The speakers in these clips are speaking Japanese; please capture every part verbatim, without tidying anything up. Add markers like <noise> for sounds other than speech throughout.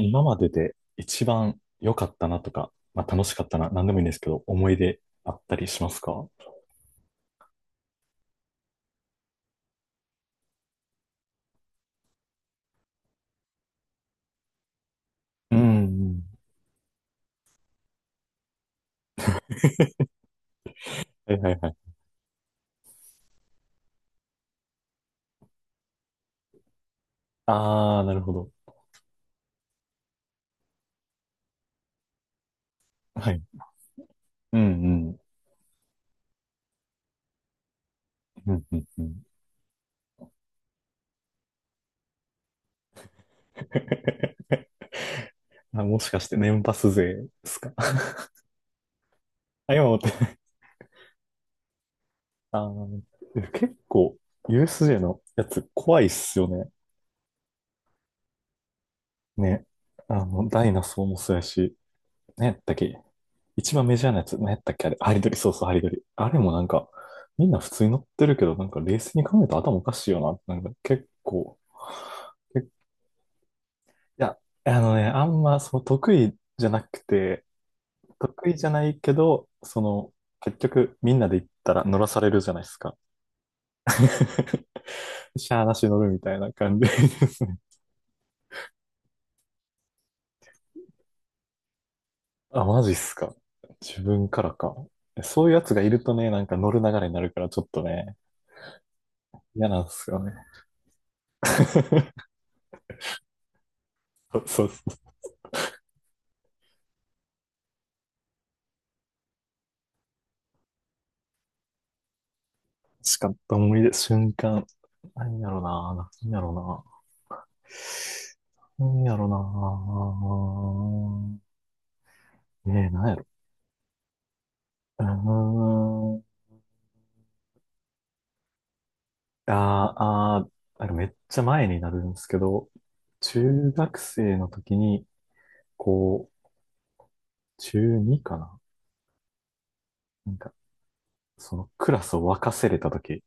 今までで一番良かったなとか、まあ、楽しかったな、何でもいいんですけど、思い出あったりしますか？うんうん。はいはいはい。ああ、なるほど。はい。うんうん。うんうんうん。<laughs> あ、もしかして年パス勢ですか？ <laughs> あ、今思って。あー、結構 ユーエスジェー のやつ怖いっすよね。ね。あの、ダイナソーもそうやし、ね、だっけ、一番メジャーなやつ、何やったっけあれ、ハリドリ、そうそう、ハリドリ。あれもなんか、みんな普通に乗ってるけど、なんか冷静に考えたら頭おかしいよな。なんか結構、けいや、あのね、あんまその得意じゃなくて、得意じゃないけど、その、結局みんなで行ったら乗らされるじゃないですか。<laughs> しゃーなし乗るみたいな感じですね。<laughs> あ、マジっすか。自分からか。そういうやつがいるとね、なんか乗る流れになるからちょっとね、嫌なんですよね。<laughs> そうそう。しかった思い出、瞬間。何やろな、何やろな。何やろな。ねえ、何やろ。うーん。あーあー、なんかめっちゃ前になるんですけど、中学生の時に、こう、中ちゅうにかな、なんか、そのクラスを沸かせれた時、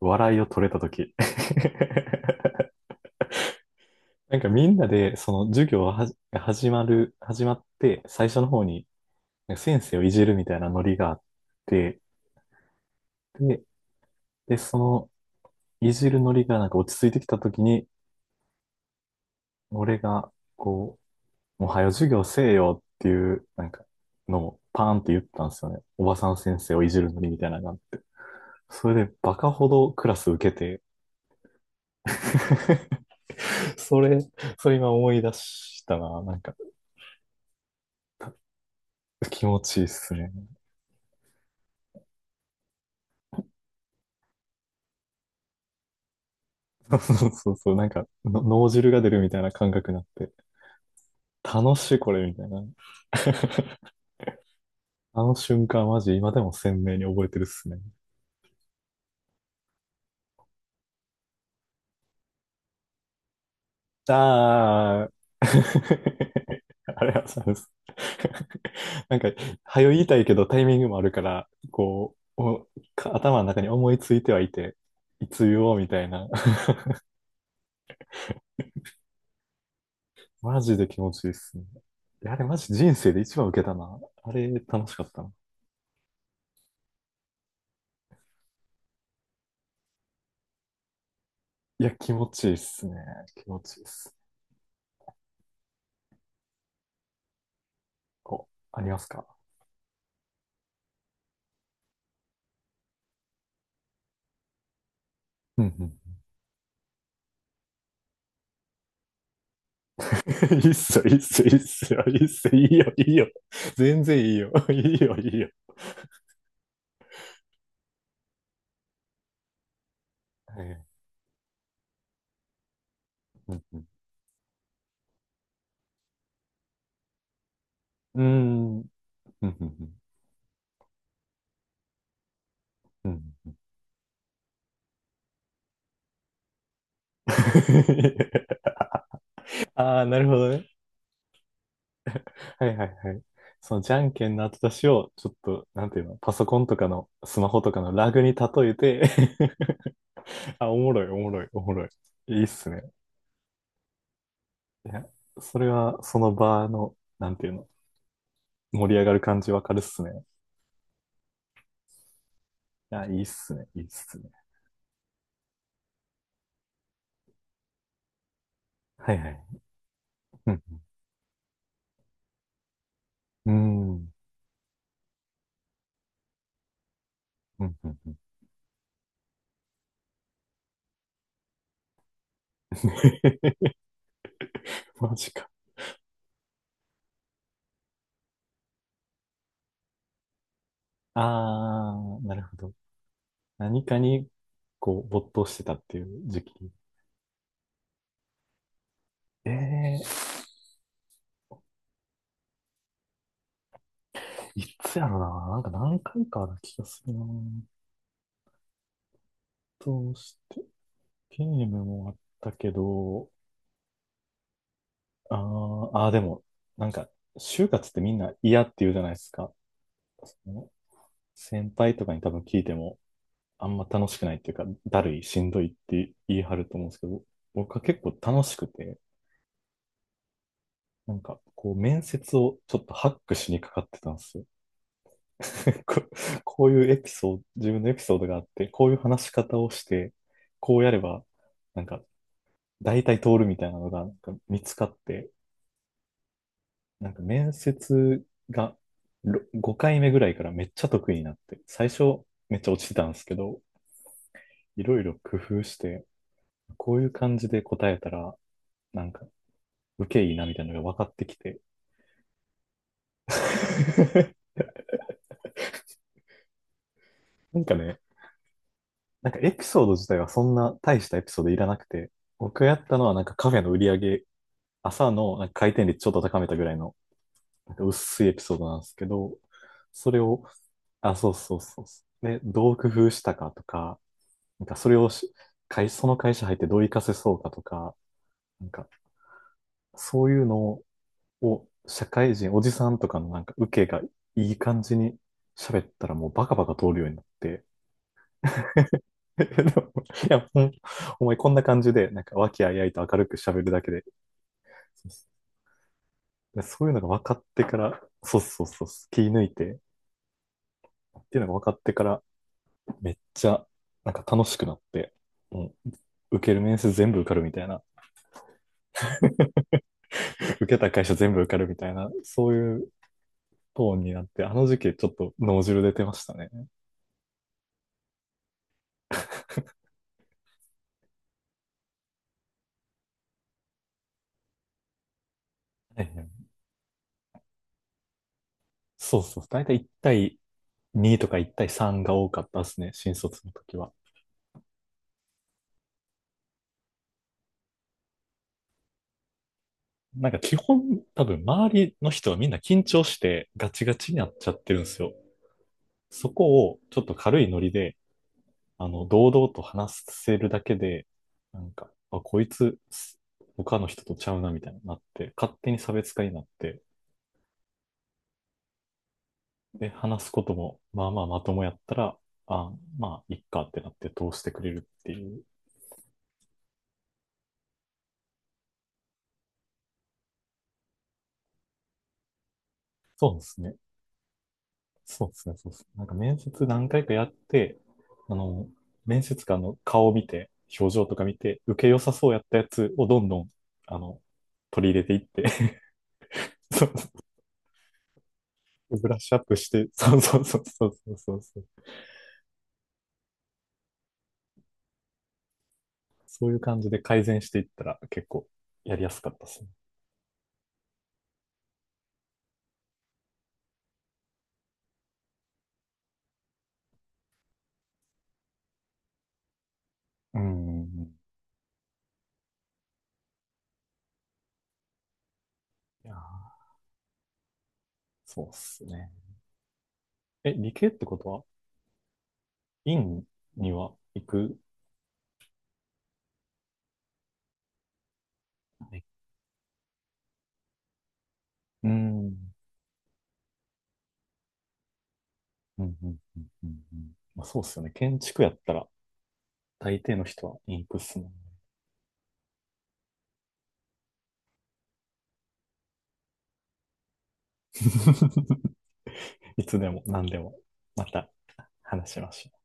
笑いを取れた時。<laughs> なんかみんなで、その授業はじが始まる、始まって、最初の方に、なんか先生をいじるみたいなノリがあって、で、で、その、いじるノリがなんか落ち着いてきたときに、俺が、こう、もう早授業せえよっていう、なんか、のをパーンって言ったんですよね。おばさん先生をいじるノリみたいなのがあって。それで、バカほどクラス受けて。 <laughs> それ、それ今思い出したな。なんか、気持ちいいっすね。<laughs> そうそうそう、なんかの、脳汁が出るみたいな感覚になって、楽しいこれみたいな。<laughs> あの瞬間、マジ、今でも鮮明に覚えてるっすね。ああ、<laughs> あれはそうです。<laughs> なんか、早よ言いたいけどタイミングもあるから、こう、おか頭の中に思いついてはいて、いつ言おうみたいな。<laughs> マジで気持ちいいっすね。いや、あれマジ人生で一番受けたな。あれ楽しかったな。いや、気持ちいいっすね。気持ちいいっす。こうありますか？うんうん。 <laughs> いいっすよ、いいっすよ、いいっすよ、いいっすよ、いいよ、いいよ。全然いいよ、<laughs> いいよ、いいよ。うんうん、うーん、うんうんうん。 <laughs> ああ、なるほどね。はいはいはい。そのじゃんけんの後出しを、ちょっと、なんていうの、パソコンとかの、スマホとかのラグに例えて。 <laughs> あ、おもろい、おもろい、おもろい。いいっすね。いや、それは、その場の、なんていうの、盛り上がる感じわかるっすね。あ、いいっすね、いいっすね。はいはい。うん。うーん。うんうんうん。 <laughs> マジか。あー、なるほど。何かに、こう、没頭してたっていう時期。ええー、いつやろな。なんか何回かある気がするな。どうして、ゲームもあったけど、あー、あーでも、なんか、就活ってみんな嫌って言うじゃないですか。その、先輩とかに多分聞いても、あんま楽しくないっていうか、だるい、しんどいって言い張ると思うんですけど、僕は結構楽しくて、なんか、こう、面接をちょっとハックしにかかってたんですよ。<laughs> ここういうエピソード、自分のエピソードがあって、こういう話し方をして、こうやれば、なんか、大体通るみたいなのが、なんか見つかって、なんか面接がろごかいめぐらいからめっちゃ得意になって、最初めっちゃ落ちてたんですけど、いろいろ工夫して、こういう感じで答えたら、なんか、受けいいなみたいなのが分かってきて、<laughs> なんかね、なんかエピソード自体はそんな大したエピソードいらなくて、僕がやったのはなんかカフェの売り上げ、朝のなんか回転率ちょっと高めたぐらいのなんか薄いエピソードなんですけど、それを、あ、そうそうそうそう。で、どう工夫したかとか、なんかそれをし、会、その会社入ってどう活かせそうかとか、なんかそういうのを社会人、おじさんとかのなんか受けがいい感じに喋ったらもうバカバカ通るようになって、<laughs> いや、ほん、お前こんな感じで、なんか和気あいあいと明るく喋るだけで、そうそうそういうのが分かってから、そうそうそう、気抜いて、っていうのが分かってから、めっちゃ、なんか楽しくなって、もう、受ける面接全部受かるみたいな、<laughs> 受けた会社全部受かるみたいな、そういうトーンになって、あの時期ちょっと脳汁出てましたね。はいはい。そうそう、大体いち対にとかいち対さんが多かったですね、新卒の時は。なんか基本、多分周りの人はみんな緊張してガチガチになっちゃってるんですよ。そこをちょっと軽いノリで、あの、堂々と話せるだけで、なんか、あ、こいつ、他の人とちゃうなみたいになって、勝手に差別化になって、で、話すことも、まあまあまともやったら、あ、まあ、いっかってなって通してくれるっていう。そうですね。そうですね、そうですね。なんか面接何回かやって、あの、面接官の顔を見て、表情とか見て、受け良さそうやったやつをどんどん、あの、取り入れていって。 <laughs> そう、ブラッシュアップして、そうそうそうそうそうそうそう。そういう感じで改善していったら結構やりやすかったですね。うん。いやー、そうっすね。え、理系ってことは、院には行く？はい。うん。うん、うん、うん、うん。うん。まあ、そうっすよね。建築やったら、大抵の人はインクっすもんね。<laughs> いつでも何でもまた話しましょう。